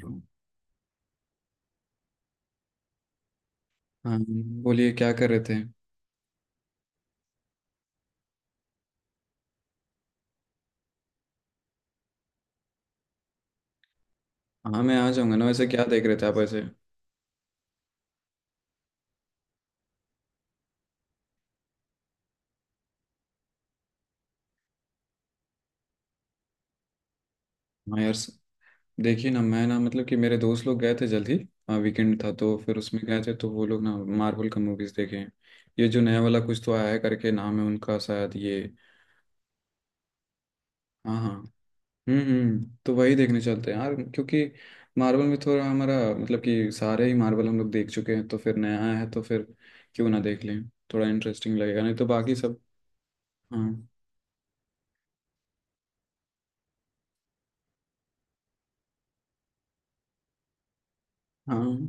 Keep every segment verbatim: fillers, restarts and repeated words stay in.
हाँ। बोलिए, क्या कर रहे थे। हाँ, मैं आ जाऊंगा ना। वैसे क्या देख रहे थे आप वैसे। हाँ यार स- देखिए ना, मैं ना मतलब कि मेरे दोस्त लोग गए थे जल्दी। हाँ, वीकेंड था तो फिर उसमें गए थे तो वो लोग ना मार्वल का मूवीज देखे हैं। ये जो नया वाला कुछ तो आया है करके नाम है उनका शायद ये। हाँ हाँ हम्म हम्म तो वही देखने चलते हैं यार, क्योंकि मार्वल में थोड़ा हमारा मतलब कि सारे ही मार्वल हम लोग देख चुके हैं तो फिर नया आया है तो फिर क्यों ना देख लें। थोड़ा इंटरेस्टिंग लगेगा, नहीं तो बाकी सब। हाँ हाँ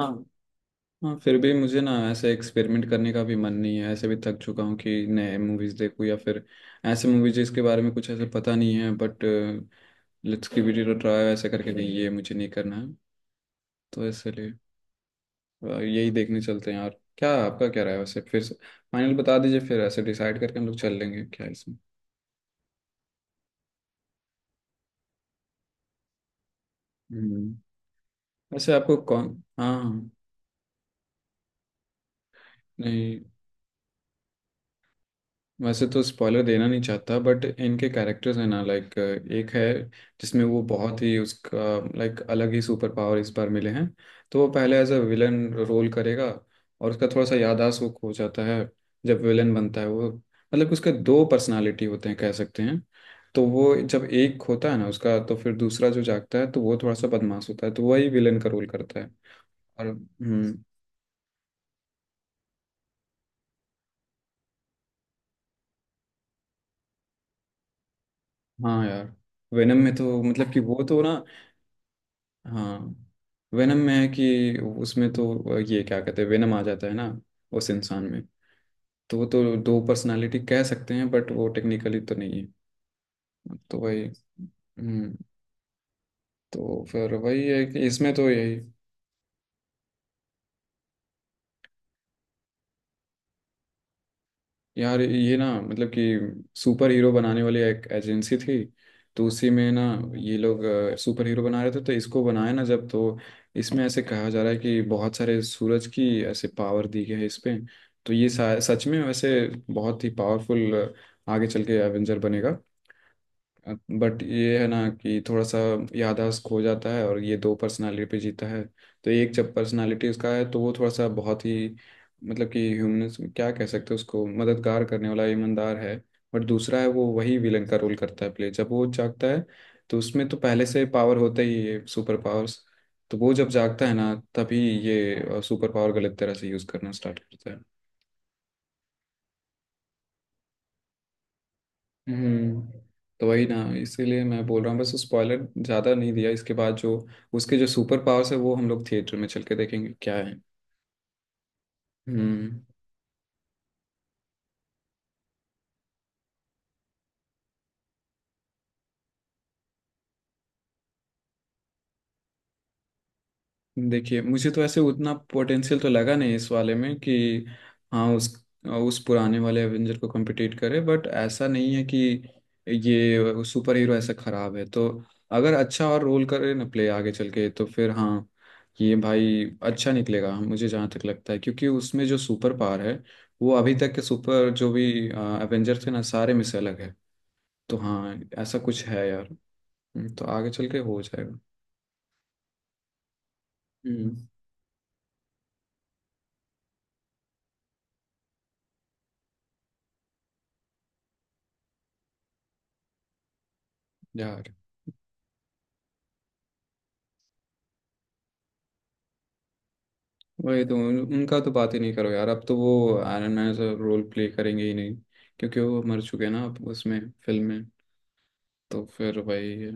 हाँ हाँ। फिर भी मुझे ना ऐसे एक्सपेरिमेंट करने का भी मन नहीं है, ऐसे भी थक चुका हूँ कि नए मूवीज देखूँ या फिर ऐसे मूवीज जिसके बारे में कुछ ऐसे पता नहीं है। But let's give it a try ऐसे करके नहीं, ये मुझे नहीं करना है, तो इसलिए अ, यही देखने चलते हैं यार। क्या आपका क्या राय है वैसे फिर। फाइनल बता दीजिए, फिर ऐसे डिसाइड करके हम लोग चल लेंगे। क्या है इसमें। हम्म। वैसे आपको कौन। हाँ। नहीं, वैसे तो स्पॉइलर देना नहीं चाहता बट इनके कैरेक्टर्स हैं ना, लाइक एक है जिसमें वो बहुत ही उसका लाइक अलग ही सुपर पावर इस बार मिले हैं। तो वो पहले एज अ विलन रोल करेगा। और उसका थोड़ा सा याददाश्त वो खो जाता है जब विलन बनता है वो। मतलब उसके दो पर्सनालिटी होते हैं कह सकते हैं। तो वो जब एक होता है ना उसका तो फिर दूसरा जो जागता है तो वो थोड़ा सा बदमाश होता है, तो वही विलन का रोल करता है। और हम्म। हाँ यार, वेनम में तो मतलब कि वो तो ना। हाँ, वेनम में है कि उसमें तो ये क्या कहते हैं, वेनम आ जाता है ना उस इंसान में। तो वो तो दो पर्सनालिटी कह सकते हैं बट वो टेक्निकली तो नहीं है। तो वही। हम्म। तो फिर वही है कि इसमें तो यही। यार ये ना मतलब कि सुपर हीरो बनाने वाली एक एजेंसी थी, तो उसी में ना ये लोग सुपर हीरो बना रहे थे, तो इसको बनाया ना जब तो इसमें ऐसे कहा जा रहा है कि बहुत सारे सूरज की ऐसे पावर दी गई है इस पे। तो ये सा- सच में वैसे बहुत ही पावरफुल आगे चल के एवेंजर बनेगा। बट ये है ना कि थोड़ा सा याददाश्त खो जाता है और ये दो पर्सनालिटी पे जीता है। तो एक जब पर्सनालिटी उसका है तो वो थोड़ा सा बहुत ही मतलब कि ह्यूमनस, क्या कह सकते हैं, उसको मददगार करने वाला ईमानदार है। बट दूसरा है, वो वही विलन का रोल करता है प्ले जब वो जागता है। तो उसमें तो पहले से पावर होता ही है, सुपर पावर्स। तो वो जब जागता है ना तभी ये सुपर पावर गलत तरह से यूज़ करना स्टार्ट करता है। हम्म। तो वही ना, इसीलिए मैं बोल रहा हूँ बस स्पॉइलर ज्यादा नहीं दिया। इसके बाद जो उसके जो सुपर पावर्स है वो हम लोग थिएटर में चल के देखेंगे क्या है। हम्म। देखिए, मुझे तो ऐसे उतना पोटेंशियल तो लगा नहीं इस वाले में कि हाँ उस उस पुराने वाले एवेंजर को कम्पिटिट करे। बट ऐसा नहीं है कि ये सुपर हीरो ऐसा खराब है, तो अगर अच्छा और रोल करे ना प्ले आगे चल के तो फिर हाँ, ये भाई अच्छा निकलेगा मुझे जहाँ तक लगता है, क्योंकि उसमें जो सुपर पावर है वो अभी तक के सुपर जो भी एवेंजर थे ना सारे में से अलग है। तो हाँ, ऐसा कुछ है यार। हम्म, तो आगे चल के हो जाएगा। हम्म। यार वही तो उन- उनका तो बात ही नहीं करो यार, अब तो वो आयरन मैन से रोल प्ले करेंगे ही नहीं, क्योंकि वो मर चुके हैं ना अब उसमें, फिल्म में। तो फिर वही है।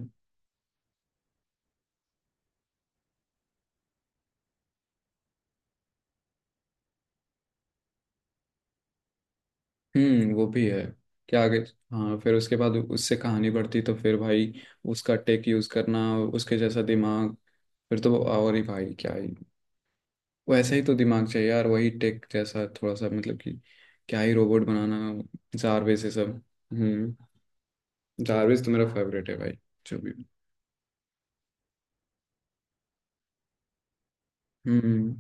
हम्म, वो भी है। क्या आगे। हाँ, फिर उसके बाद उससे कहानी बढ़ती तो फिर भाई उसका टेक यूज करना, उसके जैसा दिमाग, फिर तो वो और ही भाई क्या ही। वैसा ही तो दिमाग चाहिए यार, वही टेक जैसा थोड़ा सा मतलब कि क्या ही रोबोट बनाना। जारवेज से सब। हम्म। जारवेज तो मेरा फेवरेट है भाई, जो भी। हम्म।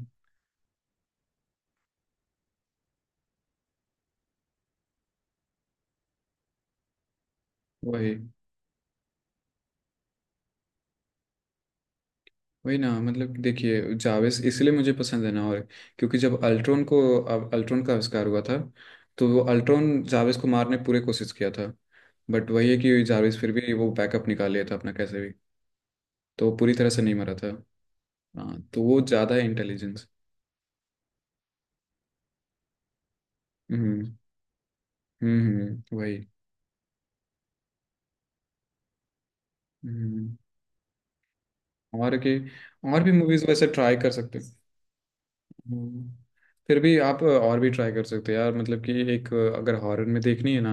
वही वही ना, मतलब देखिए, जावेस इसलिए मुझे पसंद है ना, और क्योंकि जब अल्ट्रॉन को, अब अल्ट्रॉन का आविष्कार हुआ था तो वो अल्ट्रॉन जावेस को मारने पूरे कोशिश किया था। बट वही है कि जावेस फिर भी वो बैकअप निकाल लिया था अपना कैसे भी। तो वो पूरी तरह से नहीं मरा था। हाँ, तो वो ज़्यादा है इंटेलिजेंस। हम्म हम्म हम्म, वही। हम्म। और के और भी मूवीज वैसे ट्राई कर सकते। हम्म। फिर भी आप और भी ट्राई कर सकते हो यार, मतलब कि एक, अगर हॉरर में देखनी है ना,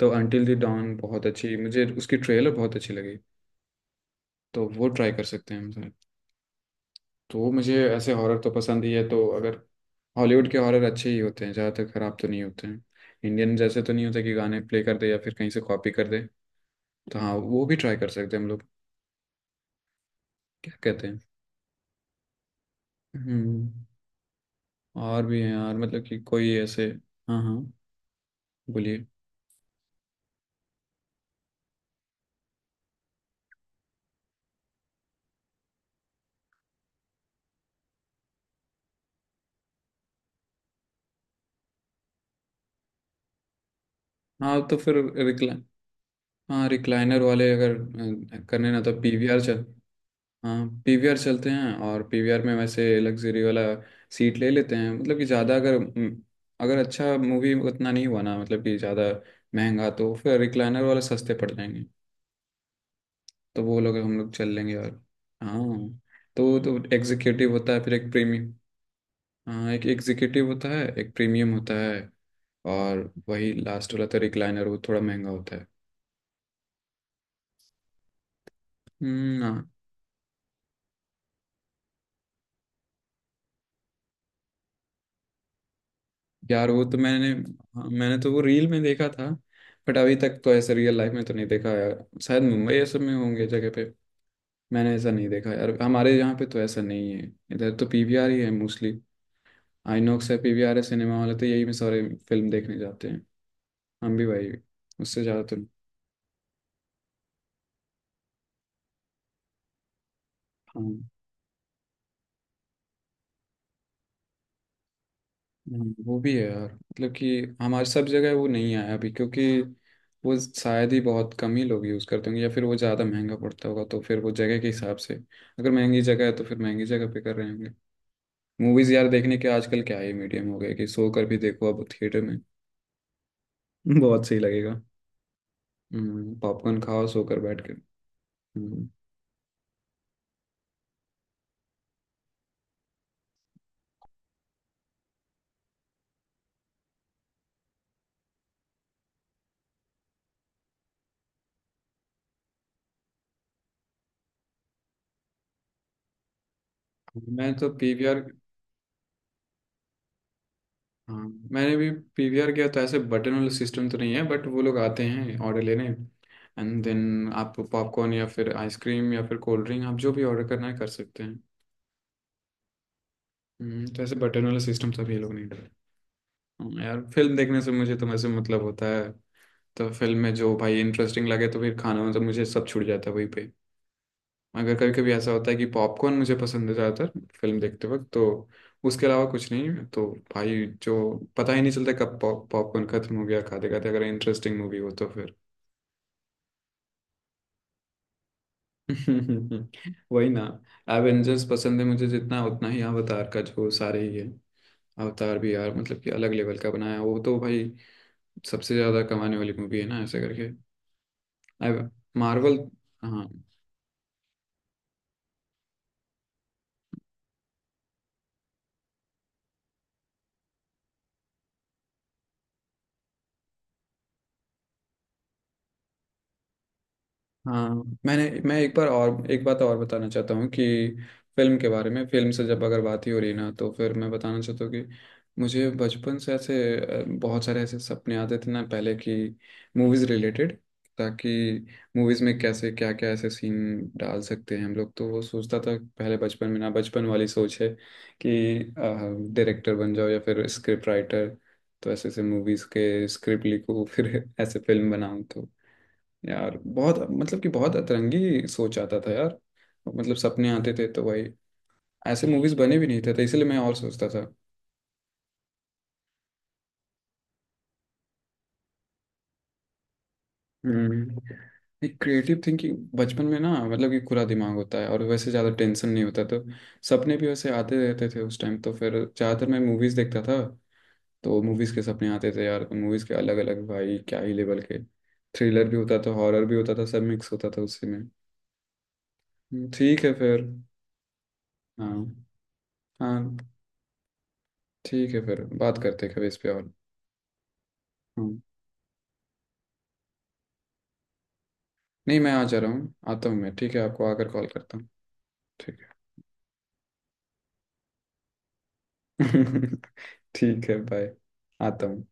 तो अंटिल द डॉन बहुत अच्छी, मुझे उसकी ट्रेलर बहुत अच्छी लगी। तो वो ट्राई कर सकते हैं हम सर। तो मुझे ऐसे हॉरर तो पसंद ही है, तो अगर हॉलीवुड के हॉरर अच्छे ही होते हैं ज़्यादातर, खराब तो नहीं होते हैं, इंडियन जैसे तो नहीं होते कि गाने प्ले कर दे या फिर कहीं से कॉपी कर दे। तो हाँ, वो भी ट्राई कर सकते हैं हम लोग। क्या कहते हैं। हम्म। और भी हैं यार, मतलब कि कोई ऐसे। हाँ हाँ। बोलिए। हाँ, तो फिर हाँ, रिक्लाइनर वाले अगर अ, करने ना, तो पीवीआर चल, हाँ, पीवीआर चलते हैं। और पीवीआर में वैसे लग्जरी वाला सीट ले लेते हैं, मतलब कि ज़्यादा अगर म, अगर अच्छा मूवी उतना नहीं हुआ ना मतलब कि ज़्यादा महंगा, तो फिर रिक्लाइनर वाले सस्ते पड़ जाएंगे। तो वो लोग हम लोग चल लेंगे। और हाँ, तो तो एग्जीक्यूटिव होता है, फिर एक प्रीमियम, हाँ, एक एग्जीक्यूटिव होता है, एक प्रीमियम होता है, और वही लास्ट वाला तो रिक्लाइनर, वो थोड़ा महंगा होता है। हम्म। हाँ, यार वो तो मैंने, हाँ, मैंने तो वो रील में देखा था। बट अभी तक तो ऐसे रियल लाइफ में तो नहीं देखा यार, शायद मुंबई ये सब में होंगे जगह पे। मैंने ऐसा नहीं देखा यार, हमारे यहाँ पे तो ऐसा नहीं है। इधर तो पीवीआर ही है मोस्टली, आईनॉक्स है, पीवीआर है, सिनेमा वाले तो यही में सारे फिल्म देखने जाते हैं। हम भी भाई उससे ज़्यादा तो। हाँ। हम्म, वो भी है यार, मतलब कि हमारे सब जगह वो नहीं आया अभी, क्योंकि वो शायद ही बहुत कम ही लोग यूज़ करते होंगे या फिर वो ज़्यादा महंगा पड़ता होगा, तो फिर वो जगह के हिसाब से, अगर महंगी जगह है तो फिर महंगी जगह पे कर रहे होंगे। मूवीज़ यार देखने के आजकल क्या ही मीडियम हो गए कि सो कर भी देखो अब थिएटर में। बहुत सही लगेगा। हम्म, पॉपकॉर्न खाओ सो कर बैठ के। हम्म। मैं तो पीवीआर, हाँ मैंने भी पीवीआर किया तो ऐसे बटन वाला सिस्टम तो नहीं है, बट वो लोग आते हैं ऑर्डर लेने, एंड देन आप पॉपकॉर्न या फिर आइसक्रीम या फिर कोल्ड ड्रिंक, आप जो भी ऑर्डर करना है कर सकते हैं। हम्म, तो ऐसे बटन वाला सिस्टम सब ये लोग नहीं करते। हाँ, यार फिल्म देखने से मुझे तो वैसे मतलब होता है, तो फिल्म में जो भाई इंटरेस्टिंग लगे तो फिर खाना मतलब मुझे सब छूट जाता है वहीं पे। अगर कभी कभी ऐसा होता है कि पॉपकॉर्न मुझे पसंद है ज़्यादातर फिल्म देखते वक्त, तो उसके अलावा कुछ नहीं, तो भाई जो पता ही नहीं चलता कब पॉप पॉपकॉर्न खत्म हो गया खाते खाते, अगर इंटरेस्टिंग मूवी हो तो फिर। वही ना, एवेंजर्स पसंद है मुझे जितना उतना ही अवतार का जो सारे ही है। अवतार भी यार मतलब कि अलग लेवल का बनाया, वो तो भाई सबसे ज़्यादा कमाने वाली मूवी है ना ऐसे करके। मार्वल। हाँ। हाँ, मैंने मैं एक बार और एक बात और बताना चाहता हूँ कि फिल्म के बारे में, फिल्म से जब अगर बात ही हो रही ना तो फिर मैं बताना चाहता हूँ कि मुझे बचपन से ऐसे अ, बहुत सारे ऐसे सपने आते थे ना पहले कि मूवीज़ रिलेटेड, ताकि मूवीज़ में कैसे क्या क्या ऐसे सीन डाल सकते हैं हम लोग, तो वो सोचता था पहले बचपन में ना, बचपन वाली सोच है कि डायरेक्टर बन जाओ या फिर स्क्रिप्ट राइटर, तो ऐसे ऐसे मूवीज़ के स्क्रिप्ट लिखो फिर ऐसे फिल्म बनाऊँ तो। यार बहुत मतलब कि बहुत अतरंगी सोच आता था यार, मतलब सपने आते थे तो वही, ऐसे मूवीज बने भी नहीं थे तो इसलिए मैं और सोचता था। हम्म। एक क्रिएटिव थिंकिंग बचपन में ना, मतलब कि खुला दिमाग होता है और वैसे ज़्यादा टेंशन नहीं होता तो सपने भी वैसे आते रहते थे उस टाइम, तो फिर ज़्यादातर मैं मूवीज़ देखता था, तो मूवीज़ के सपने आते थे यार, मूवीज़ के अलग अलग भाई क्या ही लेवल के, थ्रिलर भी होता था, हॉरर भी होता था, सब मिक्स होता था उसी में। हम्म, ठीक है फिर। हाँ हाँ। ठीक है, फिर बात करते हैं कभी इस पे और। हम्म, नहीं मैं आ जा रहा हूँ, आता हूँ मैं, ठीक है, आपको आकर कॉल करता हूँ। ठीक। है ठीक है बाय। आता हूँ।